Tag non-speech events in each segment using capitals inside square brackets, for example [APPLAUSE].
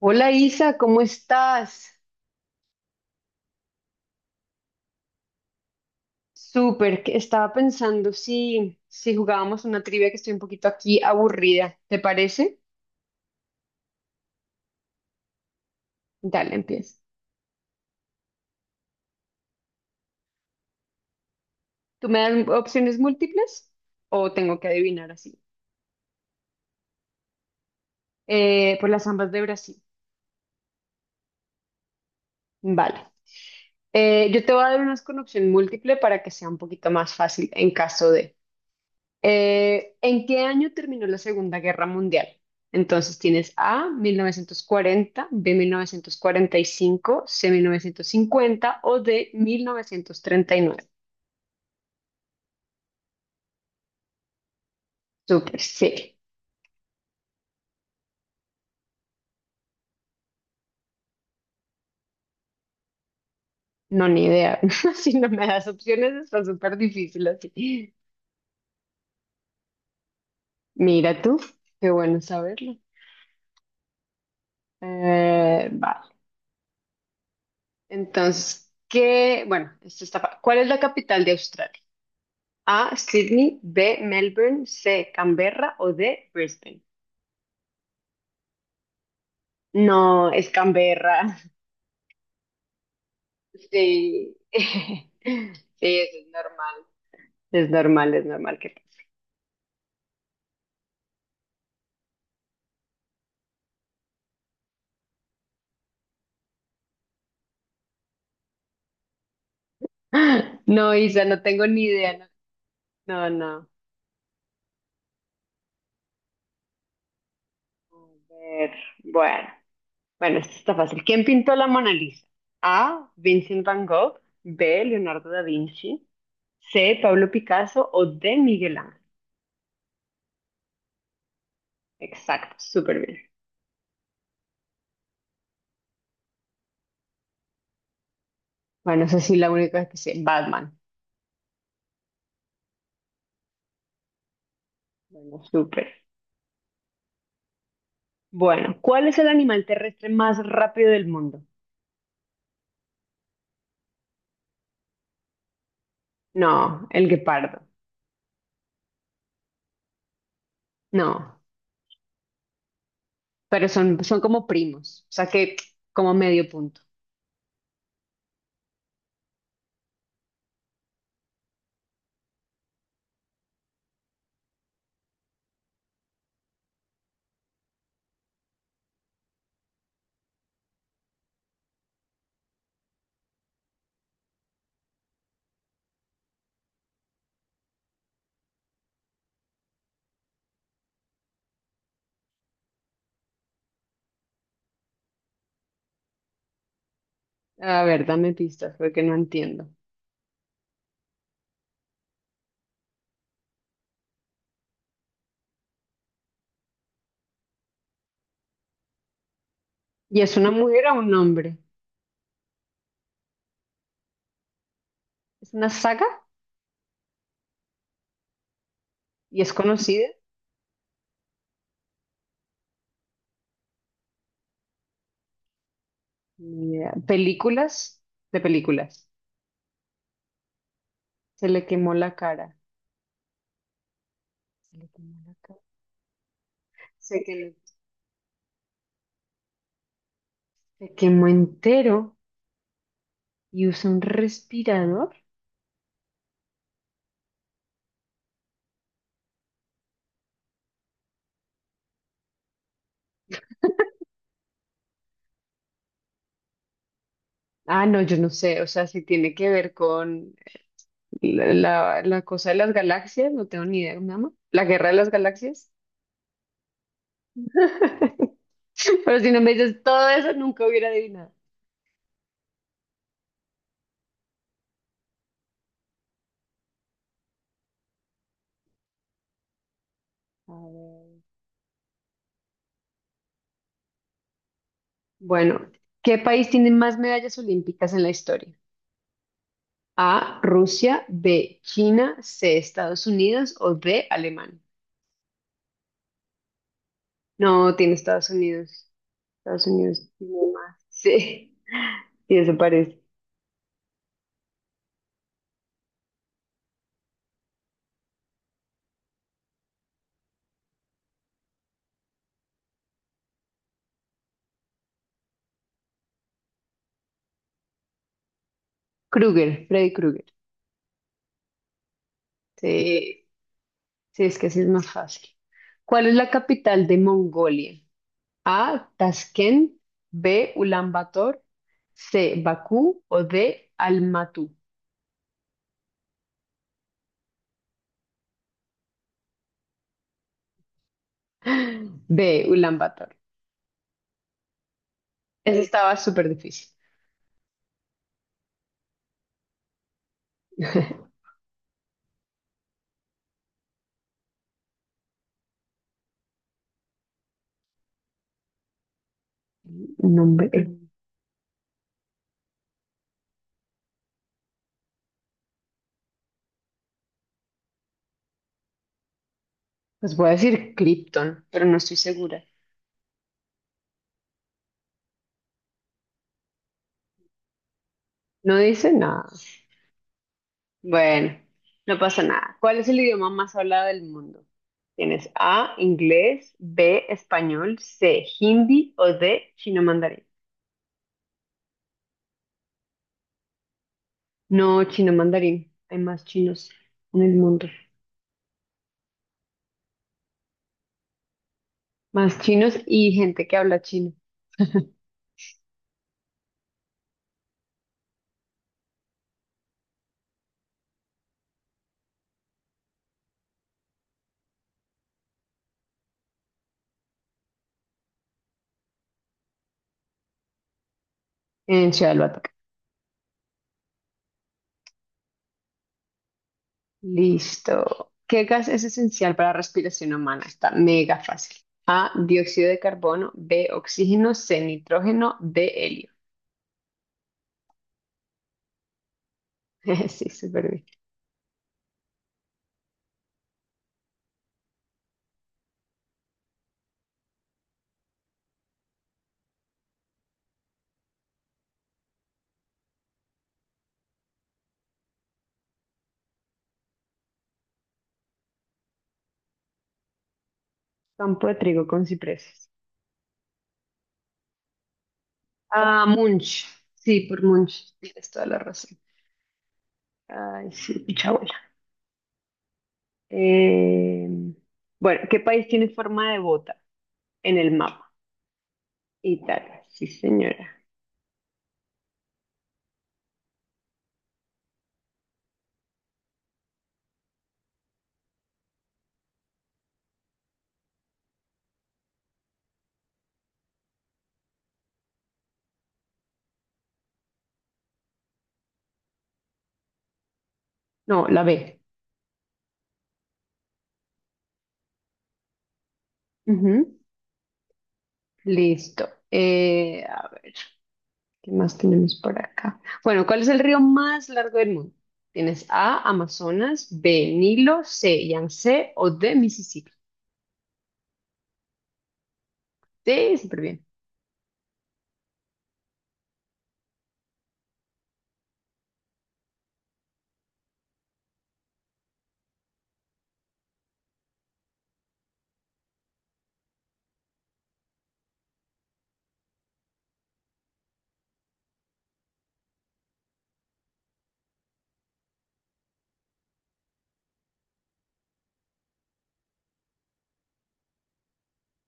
Hola Isa, ¿cómo estás? Súper, que estaba pensando si jugábamos una trivia que estoy un poquito aquí aburrida, ¿te parece? Dale, empieza. ¿Tú me das opciones múltiples o tengo que adivinar así? Por las ambas de Brasil. Vale. Yo te voy a dar unas con opción múltiple para que sea un poquito más fácil en caso de. ¿En qué año terminó la Segunda Guerra Mundial? Entonces tienes A, 1940, B, 1945, C, 1950 o D, 1939. Súper, sí. No, ni idea. [LAUGHS] Si no me das opciones, está súper difícil así. Mira tú, qué bueno saberlo. Vale. Entonces, ¿qué? Bueno, ¿cuál es la capital de Australia? A, Sydney, B, Melbourne, C, Canberra o D, Brisbane. No, es Canberra. Sí, [LAUGHS] sí, eso es normal. Es normal, es normal que. [LAUGHS] ¡Ah! No, Isa, no tengo ni idea. No, no, no. A ver, bueno. Bueno, esto está fácil. ¿Quién pintó la Mona Lisa? A. Vincent Van Gogh. B. Leonardo da Vinci. C. Pablo Picasso o D. Miguel Ángel. Exacto, súper bien. Bueno, esa sí la única que sé. Batman. Bueno, súper. Bueno, ¿cuál es el animal terrestre más rápido del mundo? No, el guepardo. No, pero son como primos, o sea que como medio punto. A ver, dame pistas porque no entiendo. ¿Y es una mujer o un hombre? ¿Es una saga? ¿Y es conocida? Ni idea. ¿Películas? De películas. Se le quemó la cara. Se le quemó la cara. Se quemó, se quemó entero y usa un respirador. Ah, no, yo no sé, o sea, si tiene que ver con la cosa de las galaxias, no tengo ni idea, mamá. ¿La guerra de las galaxias? [LAUGHS] Pero si no me dices todo eso, nunca hubiera adivinado. A ver. Bueno, ¿qué país tiene más medallas olímpicas en la historia? A, Rusia, B, China, C, Estados Unidos o D, Alemania. No, tiene Estados Unidos. Estados Unidos tiene más. [LAUGHS] Sí, y eso parece. Kruger, Freddy Krueger. Sí, sí, es que así es más fácil. ¿Cuál es la capital de Mongolia? A. Tashkent. B. Ulaanbaatar. C. Bakú. O D. Almatú. B. Ulaanbaatar. Ese estaba súper difícil. [LAUGHS] Nombre. Pues voy a decir Krypton, pero no estoy segura. No dice nada. Bueno, no pasa nada. ¿Cuál es el idioma más hablado del mundo? Tienes A, inglés, B, español, C, hindi o D, chino mandarín. No, chino mandarín. Hay más chinos en el mundo. Más chinos y gente que habla chino en Ciudad del Batuque. Listo. ¿Qué gas es esencial para la respiración humana? Está mega fácil. A, dióxido de carbono, B, oxígeno, C, nitrógeno, D, helio. [LAUGHS] Sí, súper bien. Campo de trigo con cipreses. Ah, Munch. Sí, por Munch. Tienes toda la razón. Ay, sí, picha abuela. Eh, bueno, ¿qué país tiene forma de bota en el mapa? Italia. Sí, señora. No, la B. Ujú. Listo. A ver, ¿qué más tenemos por acá? Bueno, ¿cuál es el río más largo del mundo? Tienes A, Amazonas, B, Nilo, C, Yangtze o D, Mississippi. Sí, súper bien.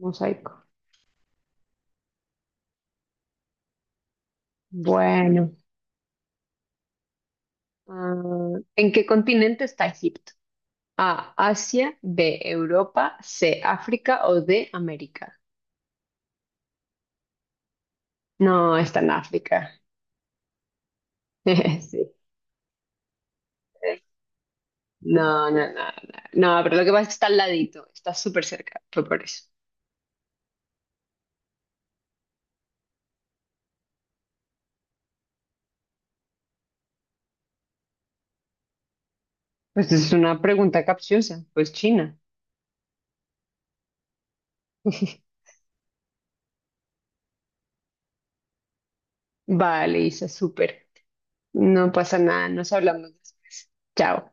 Mosaico. Bueno, ¿en qué continente está Egipto? A, Asia, B, Europa, C, África o D, América. No, está en África. [LAUGHS] Sí. No, no, no, no. No, pero lo que pasa es que está al ladito, está súper cerca, fue por eso. Pues es una pregunta capciosa, pues China. [LAUGHS] Vale, Isa, súper. No pasa nada, nos hablamos después. Chao.